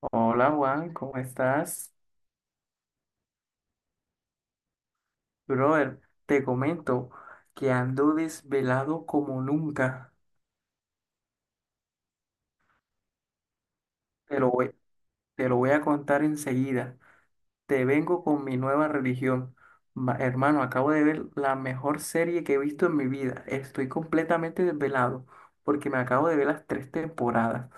Hola Juan, ¿cómo estás? Brother, te comento que ando desvelado como nunca. Te lo voy, te lo voy a contar enseguida. Te vengo con mi nueva religión. Hermano, acabo de ver la mejor serie que he visto en mi vida. Estoy completamente desvelado porque me acabo de ver las tres temporadas.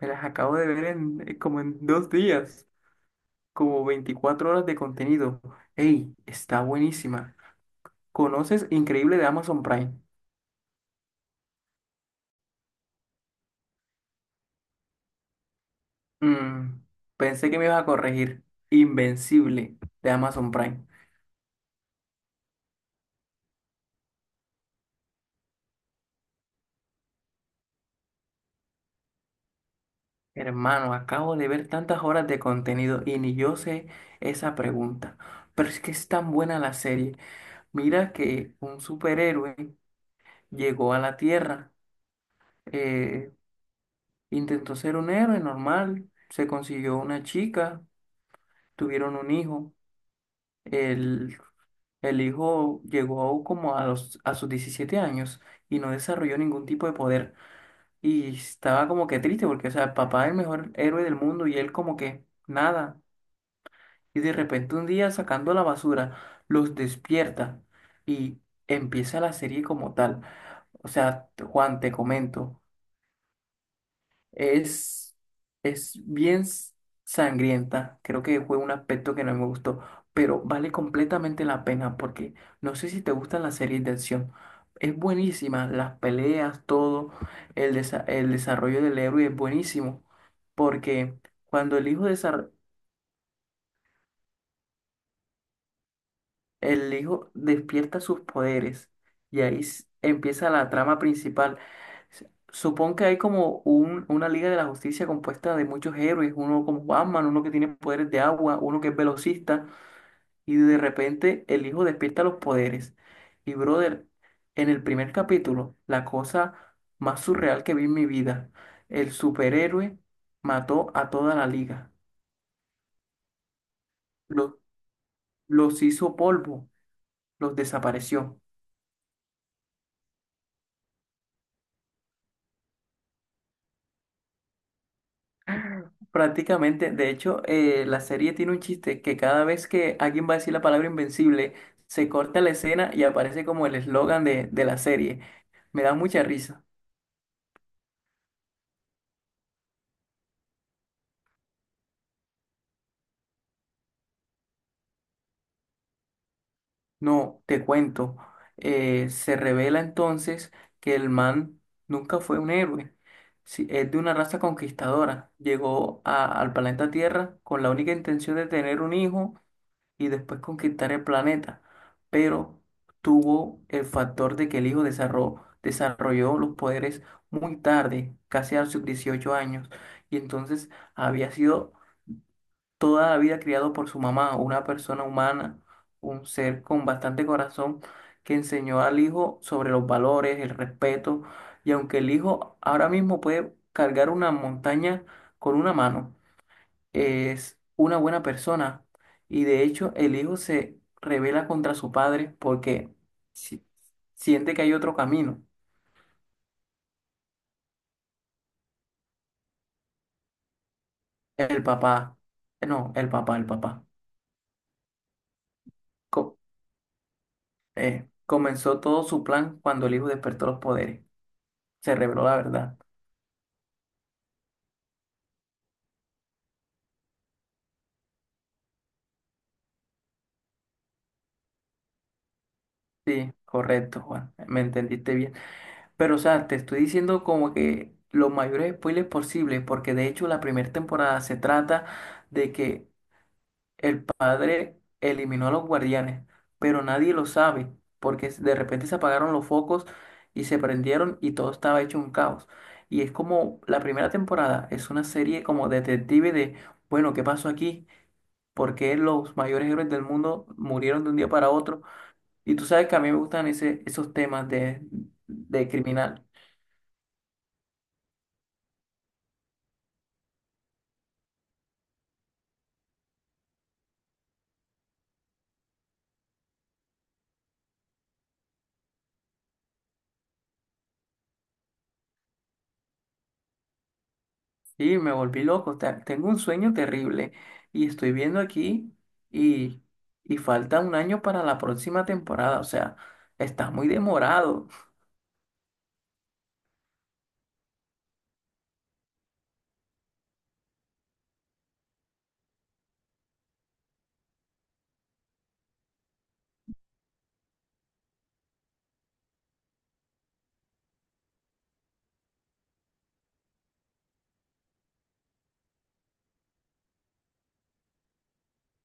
Me las acabo de ver como en 2 días, como 24 horas de contenido. ¡Ey! Está buenísima. ¿Conoces Increíble de Amazon Prime? Mm, Pensé que me ibas a corregir. Invencible de Amazon Prime. Hermano, acabo de ver tantas horas de contenido y ni yo sé esa pregunta. Pero es que es tan buena la serie. Mira que un superhéroe llegó a la Tierra, eh, intentó ser un héroe normal, se consiguió una chica, tuvieron un hijo. El, el hijo llegó como a sus 17 años y no desarrolló ningún tipo de poder. Y estaba como que triste porque, o sea, el papá es el mejor héroe del mundo y él como que nada. Y de repente un día sacando la basura, los despierta y empieza la serie como tal. O sea, Juan, te comento. Es, es bien sangrienta. Creo que fue un aspecto que no me gustó, pero vale completamente la pena porque no sé si te gustan las series de acción. Es buenísima, las peleas, todo, el desarrollo del héroe es buenísimo porque cuando el hijo El hijo despierta sus poderes y ahí empieza la trama principal. Supón que hay como una Liga de la Justicia compuesta de muchos héroes, uno como Batman, uno que tiene poderes de agua, uno que es velocista, y de repente el hijo despierta los poderes. Y brother, en el primer capítulo, la cosa más surreal que vi en mi vida, el superhéroe mató a toda la liga, los, los hizo polvo, los desapareció. Prácticamente, de hecho, la serie tiene un chiste que cada vez que alguien va a decir la palabra invencible, se corta la escena y aparece como el eslogan de la serie. Me da mucha risa. No, te cuento. Se revela entonces que el man nunca fue un héroe. Sí, es de una raza conquistadora. Llegó al planeta Tierra con la única intención de tener un hijo y después conquistar el planeta, pero tuvo el factor de que el hijo desarrolló los poderes muy tarde, casi a sus 18 años, y entonces había sido toda la vida criado por su mamá, una persona humana, un ser con bastante corazón, que enseñó al hijo sobre los valores, el respeto, y aunque el hijo ahora mismo puede cargar una montaña con una mano, es una buena persona. Y de hecho, el hijo se revela contra su padre porque si- siente que hay otro camino. El papá, no, el papá. co- Comenzó todo su plan cuando el hijo despertó los poderes. Se reveló la verdad. Sí, correcto, Juan. Me entendiste bien. Pero, o sea, te estoy diciendo como que los mayores spoilers posibles, porque de hecho la primera temporada se trata de que el padre eliminó a los guardianes, pero nadie lo sabe, porque de repente se apagaron los focos y se prendieron y todo estaba hecho un caos. Y es como la primera temporada, es una serie como detective de, bueno, ¿qué pasó aquí? ¿Por qué los mayores héroes del mundo murieron de un día para otro? Y tú sabes que a mí me gustan esos temas de, criminal. Sí, me volví loco. Tengo un sueño terrible y estoy viendo aquí y, y falta un año para la próxima temporada. O sea, está muy demorado.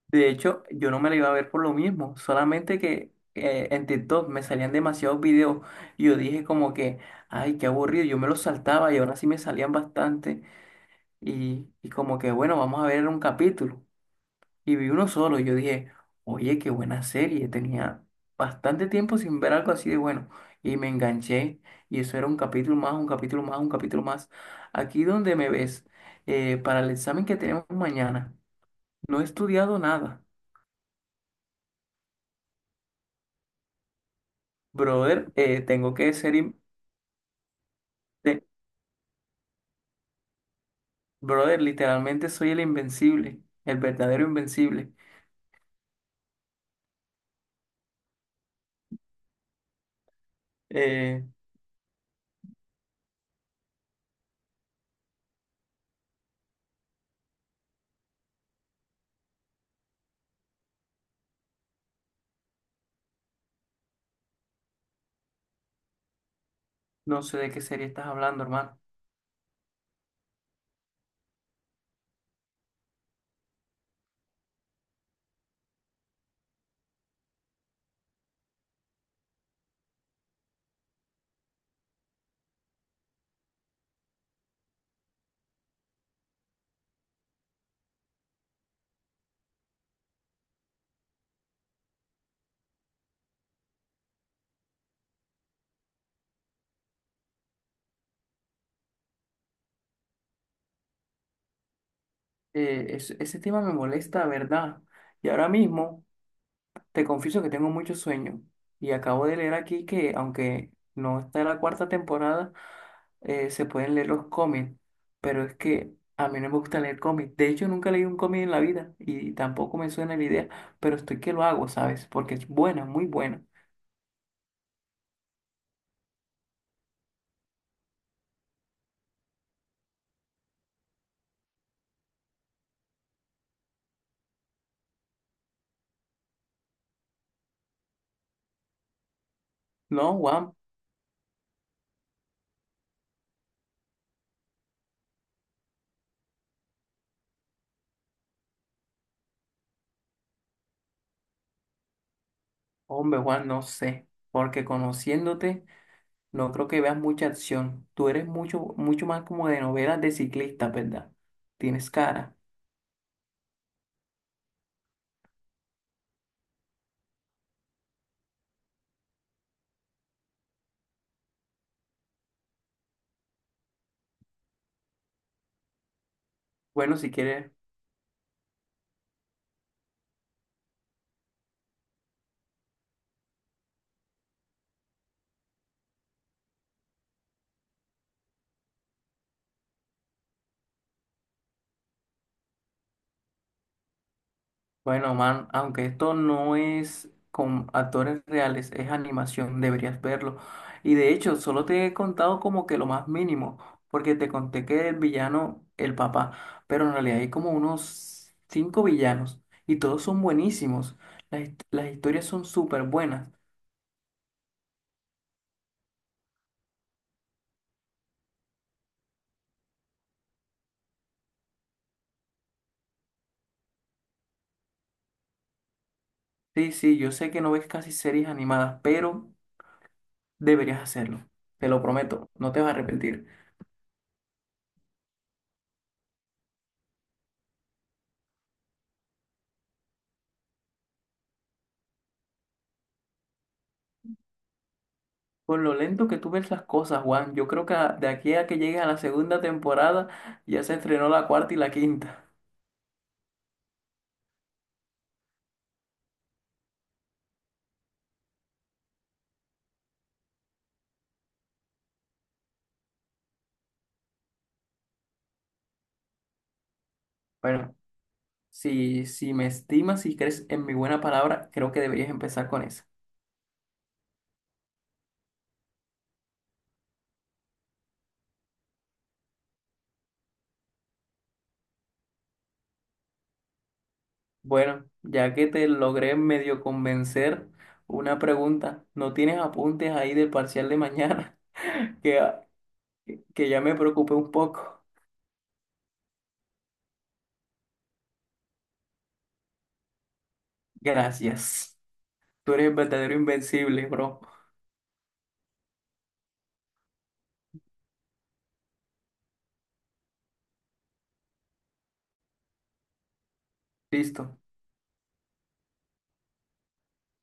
De hecho, yo no me la iba a ver por lo mismo. Solamente que en TikTok me salían demasiados videos y yo dije como que, ay, qué aburrido. Yo me los saltaba y ahora sí me salían bastante. Y como que, bueno, vamos a ver un capítulo. Y vi uno solo. Y yo dije, oye, qué buena serie. Tenía bastante tiempo sin ver algo así de bueno. Y me enganché. Y eso era un capítulo más, un capítulo más, un capítulo más. Aquí donde me ves, para el examen que tenemos mañana, no he estudiado nada. Brother, tengo que ser... te- Brother, literalmente soy el invencible, el verdadero invencible. Eh, no sé de qué serie estás hablando, hermano. Ese tema me molesta, ¿verdad? Y ahora mismo... Te confieso que tengo mucho sueño y acabo de leer aquí que aunque no está la cuarta temporada, se pueden leer los cómics, pero es que a mí no me gusta leer cómics. De hecho, nunca leí un cómic en la vida y tampoco me suena la idea, pero estoy que lo hago, ¿sabes? Porque es buena, muy buena. No, Juan, hombre, Juan, no sé, porque conociéndote, no creo que veas mucha acción. Tú eres mucho, mucho más como de novelas de ciclista, ¿verdad? Tienes cara. Bueno, si quieres... Bueno, man, aunque esto no es con actores reales, es animación, deberías verlo. Y de hecho, solo te he contado como que lo más mínimo, porque te conté que el villano, el papá, pero en realidad hay como unos cinco villanos y todos son buenísimos. Las historias son súper buenas. Sí, sí, yo sé que no ves casi series animadas, pero deberías hacerlo. Te lo prometo, no te vas a arrepentir. Con lo lento que tú ves las cosas, Juan, yo creo que de aquí a que llegues a la segunda temporada ya se estrenó la cuarta y la quinta. Bueno, si me estimas y crees en mi buena palabra, creo que deberías empezar con esa. Bueno, ya que te logré medio convencer, una pregunta. ¿No tienes apuntes ahí del parcial de mañana? Que, ah, que ya me preocupé un poco. Gracias. Tú eres el verdadero invencible, bro. Listo.